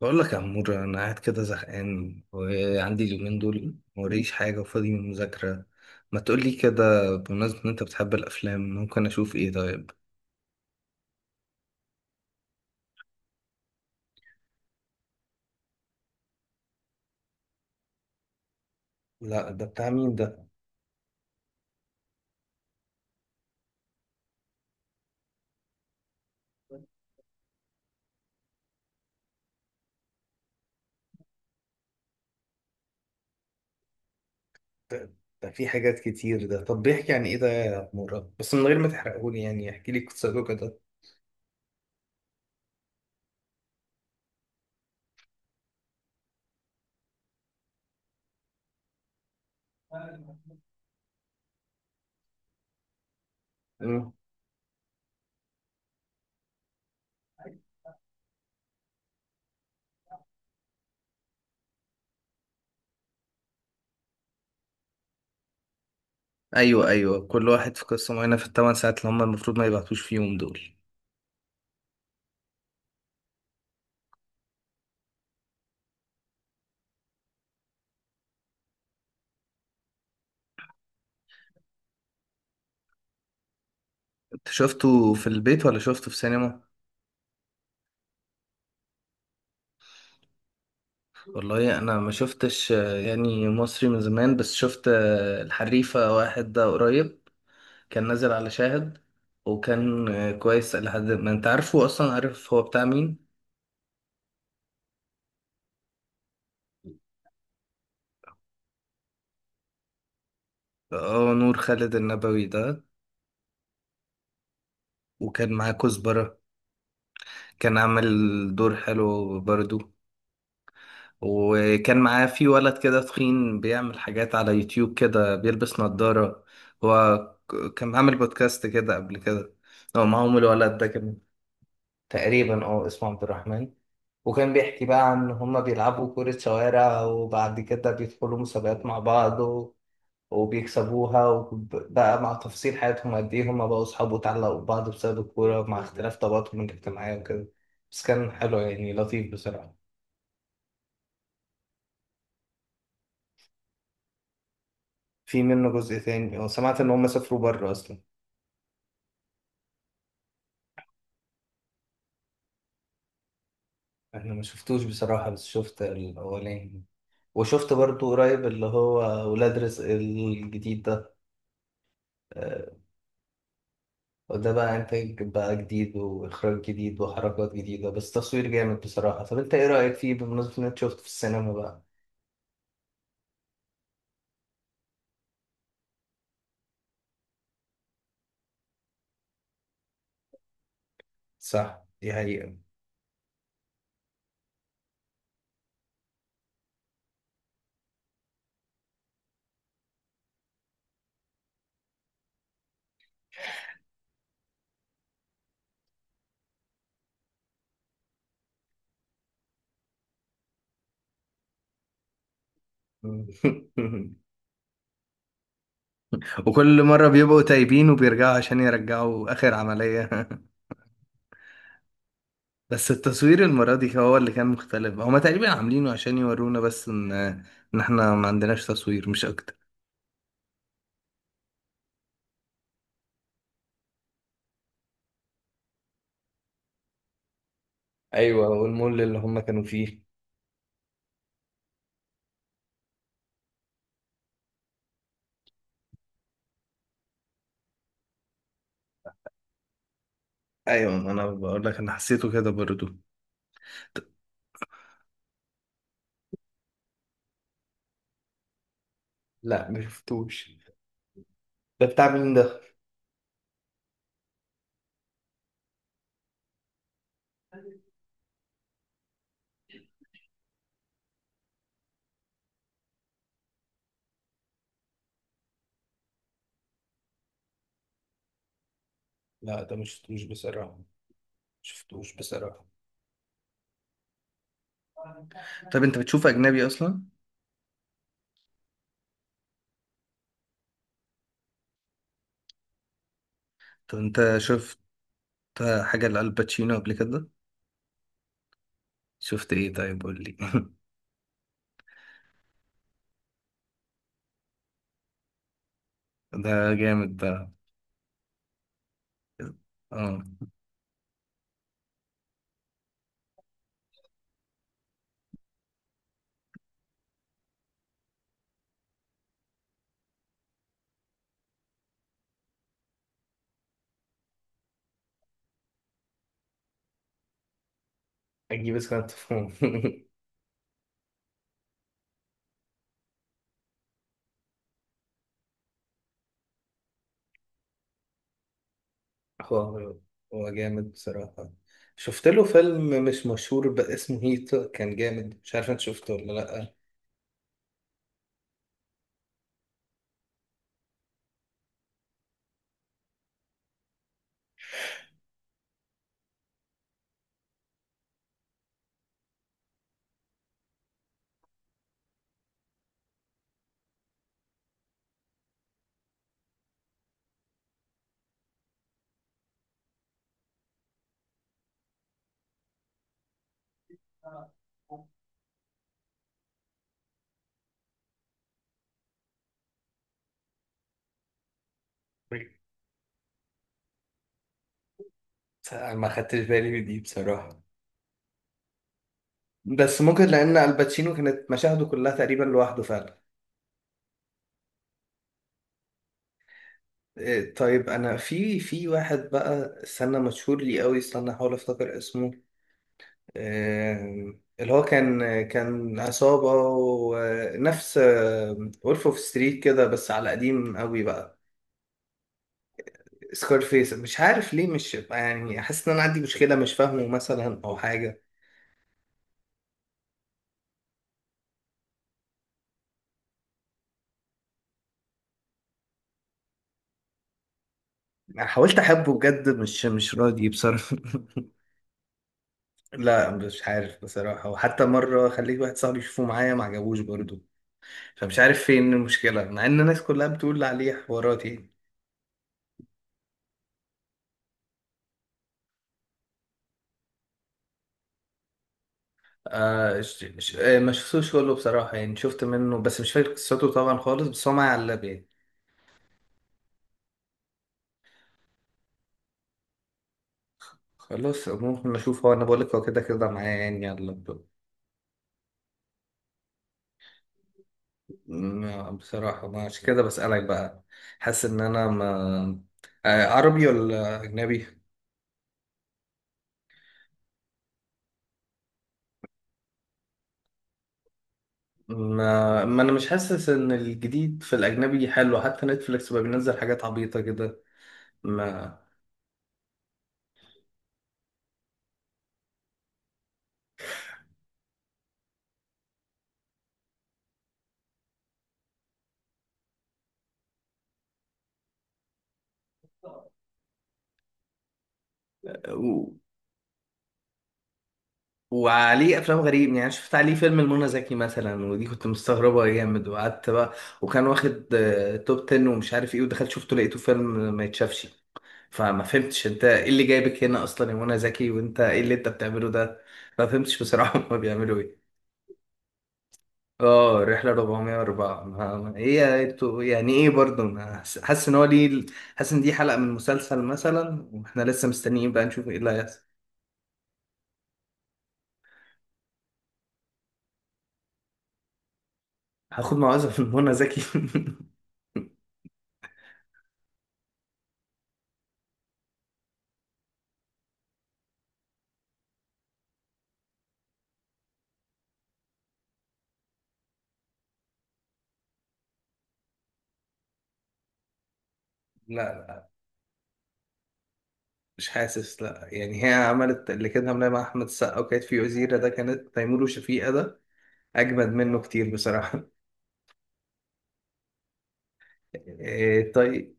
بقول لك يا عمور، انا قاعد كده زهقان وعندي اليومين دول موريش حاجه وفاضي من المذاكره. ما تقول لي كده، بمناسبه ان انت بتحب الافلام، ممكن اشوف ايه طيب؟ لا، ده بتاع مين ده؟ ده ده في حاجات كتير ده. طب بيحكي عن ايه ده يا عمورة؟ بس من غير ما تحرقهولي يعني، احكي لي قصته كده. مم. ايوه، ايوه، كل واحد في قصه معينه في الثمان ساعات اللي هم المفروض ما يبعتوش فيهم دول. انت شفته في البيت ولا شفته في سينما؟ والله انا ما شفتش يعني مصري من زمان، بس شفت الحريفة واحد ده قريب. كان نازل على شاهد. وكان كويس لحد ما، انت عارفه اصلا، عارف هو بتاع مين؟ اه، نور خالد النبوي ده. وكان معاه كزبرة. كان عامل دور حلو برضو. وكان معاه في ولد كده تخين بيعمل حاجات على يوتيوب كده، بيلبس نظارة هو. كان عامل بودكاست كده قبل كده، هو معاهم الولد ده، كان تقريبا، اه، اسمه عبد الرحمن. وكان بيحكي بقى عن هما بيلعبوا كرة شوارع، وبعد كده بيدخلوا مسابقات مع بعض وبيكسبوها، وبقى مع تفاصيل حياتهم قد ايه هما بقوا صحاب واتعلقوا ببعض بسبب الكورة، مع اختلاف طبقاتهم الاجتماعية وكده. بس كان حلو يعني، لطيف بصراحة. في منه جزء تاني وسمعت ان هما سافروا بره اصلا. انا ما شفتوش بصراحة، بس شفت الاولاني. وشفت برضو قريب اللي هو، ولاد رزق الجديد ده. آه، وده بقى انتاج بقى جديد واخراج جديد وحركات جديده، بس تصوير جامد بصراحه. طب انت ايه رايك فيه، بمناسبه ان انت شفته في السينما بقى؟ صح، دي حقيقة. وكل مرة بيبقوا تايبين وبيرجعوا عشان يرجعوا آخر عملية. بس التصوير المرة دي هو اللي كان مختلف. هما تقريبا عاملينه عشان يورونا بس إن إحنا ما عندناش تصوير، مش أكتر. ايوه، والمول اللي هم كانوا فيه. أيوة، ما أنا بقول لك، أنا حسيته كده برضو. لا، مشفتوش. ده بتاع مين ده؟ لا، ده مش شفتوش بصراحة. شفتوش بصراحة. طب انت بتشوف اجنبي اصلا؟ طب انت شفت حاجه لالباتشينو قبل كده؟ شفت ايه طيب، قول لي. ده جامد ده. اه، اجيب اسكان تفهم. هو هو جامد بصراحة. شفت له فيلم مش مشهور بس، اسمه هيت، كان جامد. مش عارف انت شفته ولا لأ. بس أنا ما خدتش بالي من دي بصراحة. بس ممكن لأن الباتشينو كانت مشاهده كلها تقريبا لوحده فعلا. إيه، طيب. انا في واحد بقى، استنى، مشهور لي قوي، استنى احاول افتكر اسمه. اللي هو كان عصابة ونفس وولف اوف ستريت كده، بس على قديم قوي بقى. سكارفيس. مش عارف ليه، مش يعني، حاسس ان انا عندي مشكلة، مش فاهمه مثلا او حاجة. انا حاولت احبه بجد، مش راضي بصراحة. لا، مش عارف بصراحة، وحتى مرة خليت واحد صاحبي يشوفه معايا، ما عجبوش برضه. فمش عارف فين المشكلة، مع ان الناس كلها بتقول عليه حواراتي. آه ش... ش... آه ما شفتوش كله بصراحة، يعني شفت منه بس مش فاكر قصته طبعا خالص، بس هو معايا على اللاب يعني. خلاص، ممكن اشوف. هو انا بقولك هو كده كده معايا يعني على اللاب. بصراحة، ما عشان كده بسألك بقى. حاسس ان انا ما. آه، عربي ولا اجنبي؟ ما انا مش حاسس ان الجديد في الاجنبي حلو، حتى نتفليكس بقى بينزل حاجات عبيطة كده. ما وعليه افلام غريب يعني، شفت عليه فيلم المنى زكي مثلا، ودي كنت مستغربه جامد وقعدت بقى. وكان واخد توب 10 ومش عارف ايه، ودخلت شفته لقيته فيلم ما يتشافش. فما فهمتش انت ايه اللي جايبك هنا اصلا يا منى زكي، وانت ايه اللي انت بتعمله ده. ما فهمتش بصراحه. هما بيعملوا ايه؟ اه، رحله 404. هي انتوا يعني ايه برضه، حاسس ان هو ليه. حاسس ان دي حلقه من مسلسل مثلا، واحنا لسه مستنيين بقى نشوف ايه اللي هيحصل. هاخد موعظه من منى زكي؟ لا، مش حاسس. لا يعني، هي عملت اللي كانت عاملاه مع احمد السقا، وكانت في وزيره ده، كانت تيمور وشفيقة ده. اجمد منه كتير بصراحه. إيه طيب.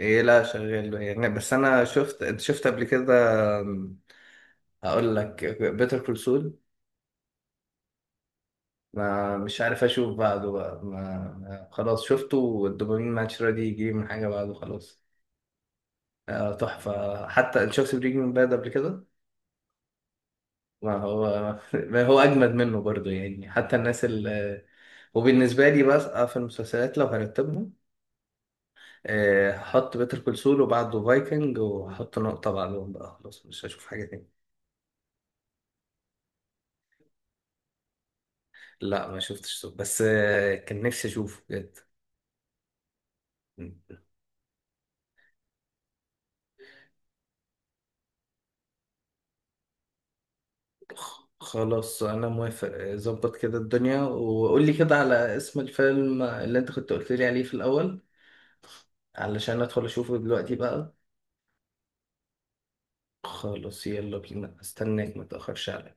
إيه، لا شغال يعني، بس انا شفت، انت شفت قبل كده؟ أم، هقول لك بيتر كول سول. ما مش عارف اشوف بعده بقى، خلاص شفته والدوبامين ماتش راضي يجي من حاجه بعده خلاص. تحفه. حتى انت شفت بريكنج باد قبل كده؟ ما هو ما هو اجمد منه برضو يعني. حتى الناس ال وبالنسبه لي بقى في المسلسلات لو هرتبهم، هحط بيتر كول سول وبعده فايكنج، وهحط نقطه بعدهم بقى خلاص، مش هشوف حاجه تاني. لا، ما شفتش سول، بس كان نفسي اشوفه بجد. خلاص انا موافق. ظبط كده الدنيا، وقول لي كده على اسم الفيلم اللي انت كنت قلت لي عليه في الاول، علشان ادخل اشوفه دلوقتي بقى. خلاص، يلا بينا، استناك، ما تاخرش عليا.